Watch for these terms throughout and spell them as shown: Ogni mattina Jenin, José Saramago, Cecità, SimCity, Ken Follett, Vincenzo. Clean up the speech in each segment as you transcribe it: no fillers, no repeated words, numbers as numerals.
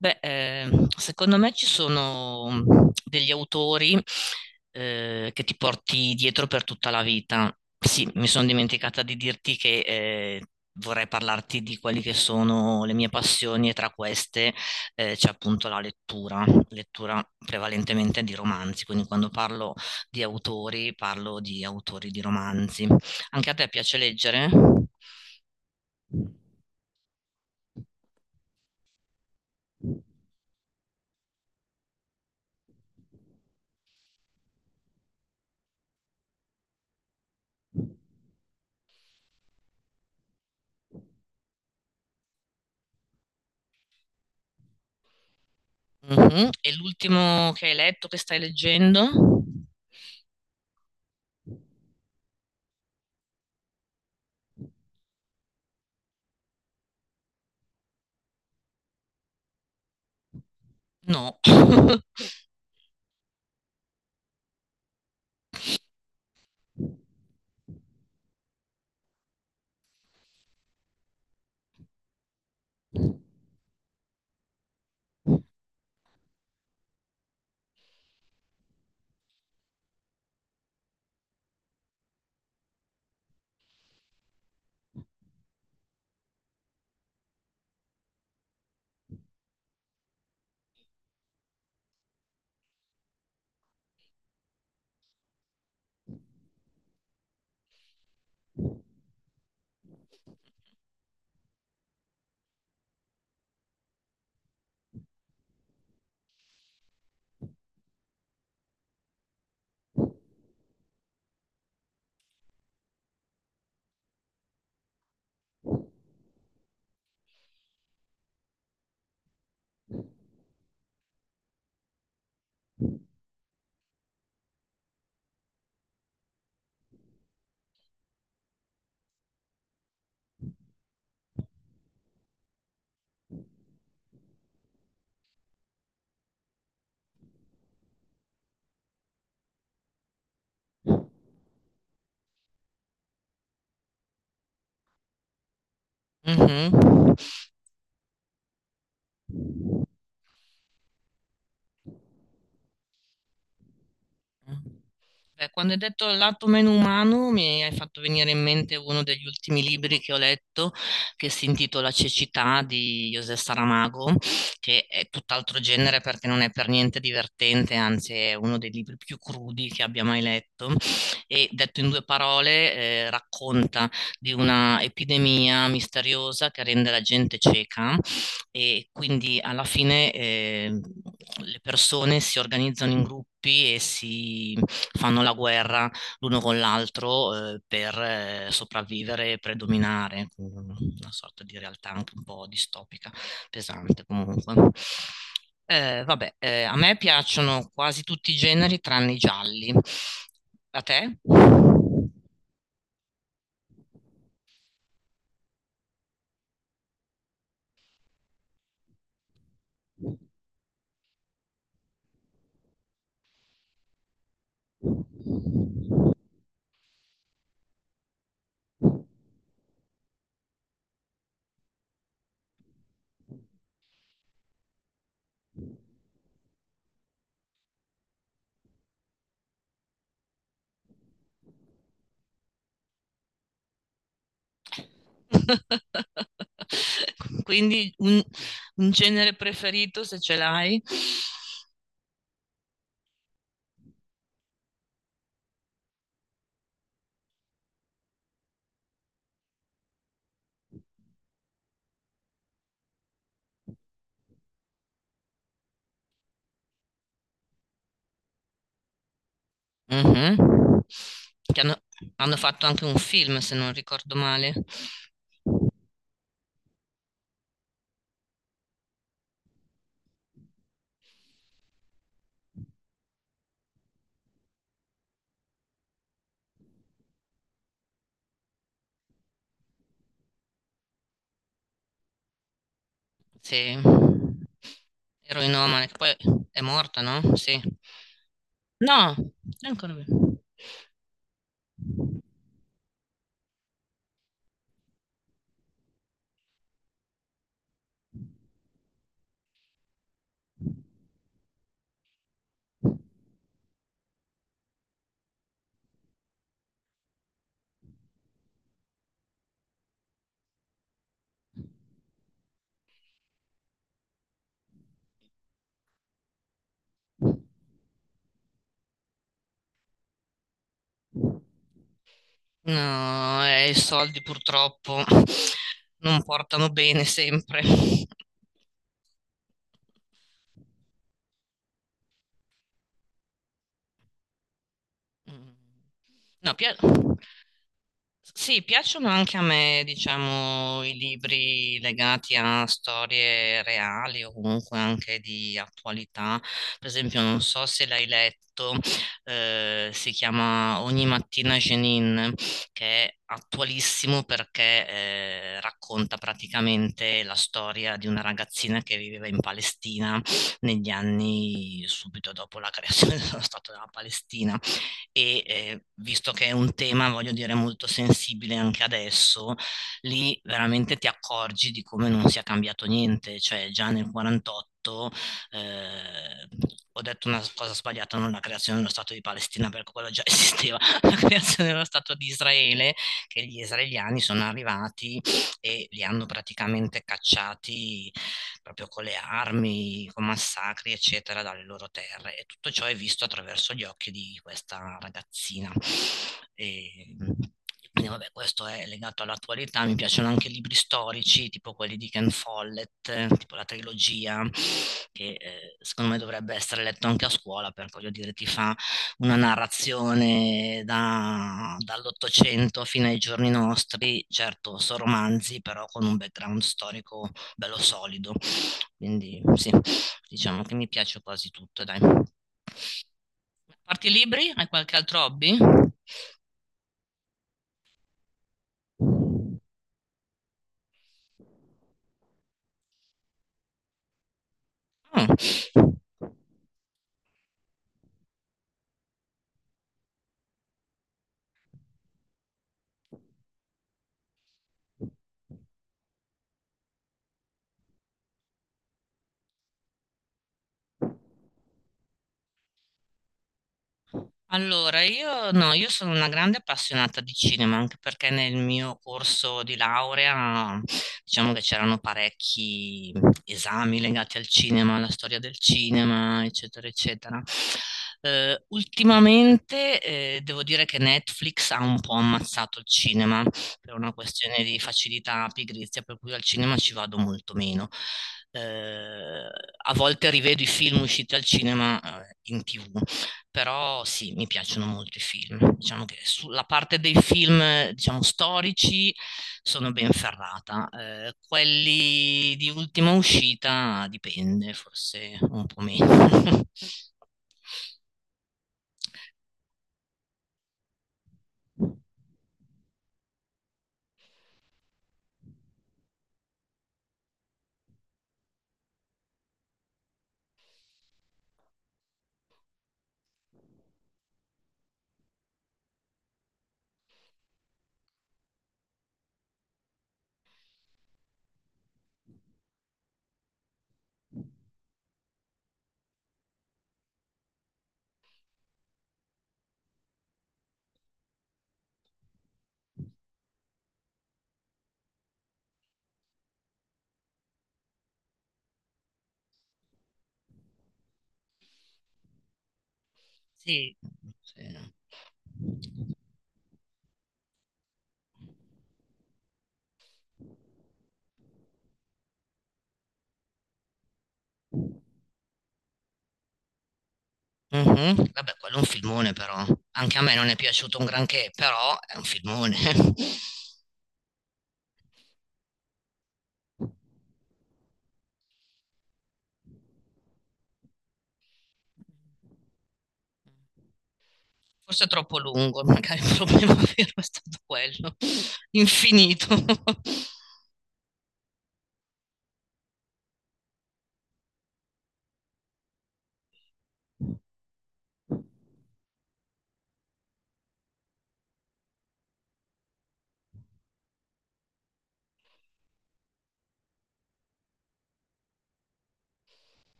Beh, secondo me ci sono degli autori che ti porti dietro per tutta la vita. Sì, mi sono dimenticata di dirti che vorrei parlarti di quali che sono le mie passioni e tra queste c'è appunto la lettura, lettura prevalentemente di romanzi, quindi quando parlo di autori di romanzi. Anche a te piace leggere? Mh-mh. E l'ultimo che hai letto, che stai leggendo? No. Mh-mh. Beh, quando hai detto il lato meno umano, mi hai fatto venire in mente uno degli ultimi libri che ho letto, che si intitola Cecità di José Saramago, che è tutt'altro genere perché non è per niente divertente, anzi è uno dei libri più crudi che abbia mai letto. E detto in due parole, racconta di una epidemia misteriosa che rende la gente cieca e quindi alla fine le persone si organizzano in gruppi e si fanno la guerra l'uno con l'altro per sopravvivere e predominare, una sorta di realtà anche un po' distopica, pesante comunque. Vabbè, a me piacciono quasi tutti i generi tranne i gialli. A te? Quindi un genere preferito se ce l'hai. Mhm. Che hanno, hanno fatto anche un film, se non ricordo male. Sì. Eroinomane, che poi è morta, no? Sì. No, è ancora viva. No, i soldi purtroppo non portano bene sempre. Mm. No. Sì, piacciono anche a me, diciamo, i libri legati a storie reali o comunque anche di attualità. Per esempio, non so se l'hai letto, si chiama Ogni mattina Jenin, che è attualissimo perché racconta praticamente la storia di una ragazzina che viveva in Palestina negli anni subito dopo la creazione dello Stato della Palestina e visto che è un tema, voglio dire, molto sensibile anche adesso, lì veramente ti accorgi di come non sia cambiato niente, cioè già nel 48 eh, ho detto una cosa sbagliata, non la creazione dello Stato di Palestina, perché quello già esisteva, la creazione dello Stato di Israele, che gli israeliani sono arrivati e li hanno praticamente cacciati proprio con le armi, con massacri, eccetera, dalle loro terre. E tutto ciò è visto attraverso gli occhi di questa ragazzina. E, quindi vabbè, questo è legato all'attualità, mi piacciono anche libri storici, tipo quelli di Ken Follett, tipo la trilogia, che secondo me dovrebbe essere letto anche a scuola, perché voglio dire, ti fa una narrazione dall'Ottocento fino ai giorni nostri, certo, sono romanzi, però con un background storico bello solido. Quindi sì, diciamo che mi piace quasi tutto, dai. A parte i libri, hai qualche altro hobby? Ah. Allora, io no, io sono una grande appassionata di cinema, anche perché nel mio corso di laurea diciamo che c'erano parecchi esami legati al cinema, alla storia del cinema, eccetera, eccetera. Ultimamente devo dire che Netflix ha un po' ammazzato il cinema per una questione di facilità, pigrizia, per cui al cinema ci vado molto meno. Eh, a volte rivedo i film usciti al cinema, in TV però sì, mi piacciono molto i film. Diciamo che sulla parte dei film, diciamo, storici sono ben ferrata. Quelli di ultima uscita dipende, forse un po' meno. Sì. Sì. Mhm. Vabbè, quello è un filmone però. Anche a me non è piaciuto un granché, però è un filmone. Forse è troppo lungo, magari il problema vero è stato quello. Infinito.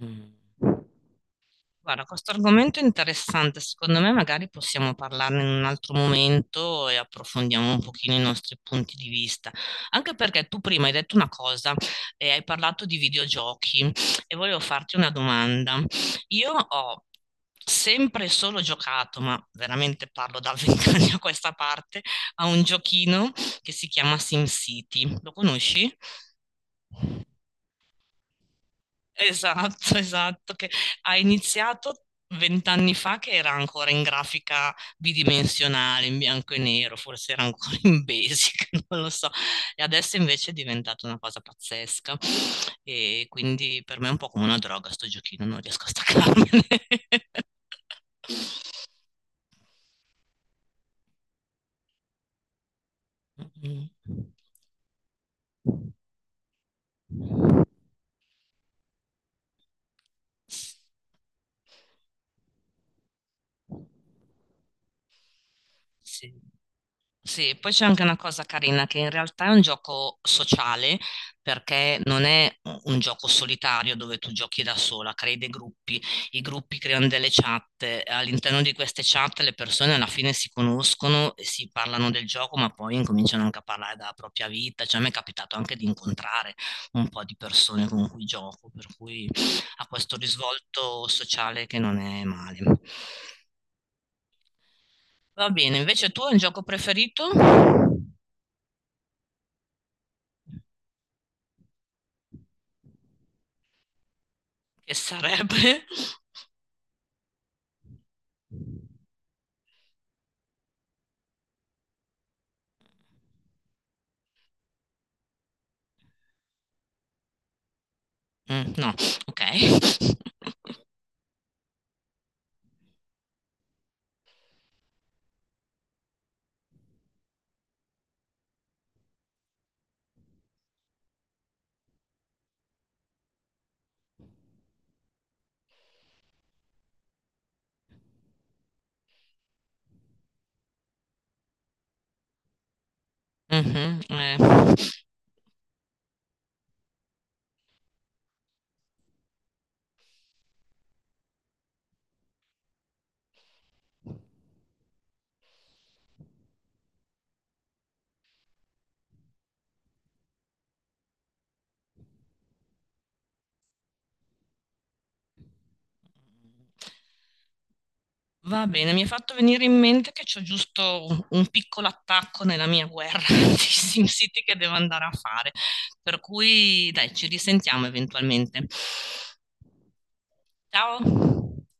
Mm. Guarda, questo argomento è interessante, secondo me magari possiamo parlarne in un altro momento e approfondiamo un pochino i nostri punti di vista, anche perché tu prima hai detto una cosa e hai parlato di videogiochi e volevo farti una domanda. Io ho sempre e solo giocato, ma veramente parlo da 20 anni a questa parte, a un giochino che si chiama SimCity. Lo conosci? Esatto, esatto, che ha iniziato 20 anni fa che era ancora in grafica bidimensionale, in bianco e nero, forse era ancora in basic, non lo so, e adesso invece è diventata una cosa pazzesca e quindi per me è un po' come una droga sto giochino, non riesco a staccarmene. Mm. Sì. Sì, poi c'è anche una cosa carina che in realtà è un gioco sociale perché non è un gioco solitario dove tu giochi da sola, crei dei gruppi, i gruppi creano delle chat, all'interno di queste chat le persone alla fine si conoscono e si parlano del gioco, ma poi incominciano anche a parlare della propria vita, cioè mi è capitato anche di incontrare un po' di persone con cui gioco, per cui ha questo risvolto sociale che non è male. Va bene, invece tu hai un gioco preferito? Che sarebbe? Mm, no, ok. Mhm, eh. Va bene, mi è fatto venire in mente che c'ho giusto un piccolo attacco nella mia guerra di SimCity che devo andare a fare. Per cui, dai, ci risentiamo eventualmente. Ciao.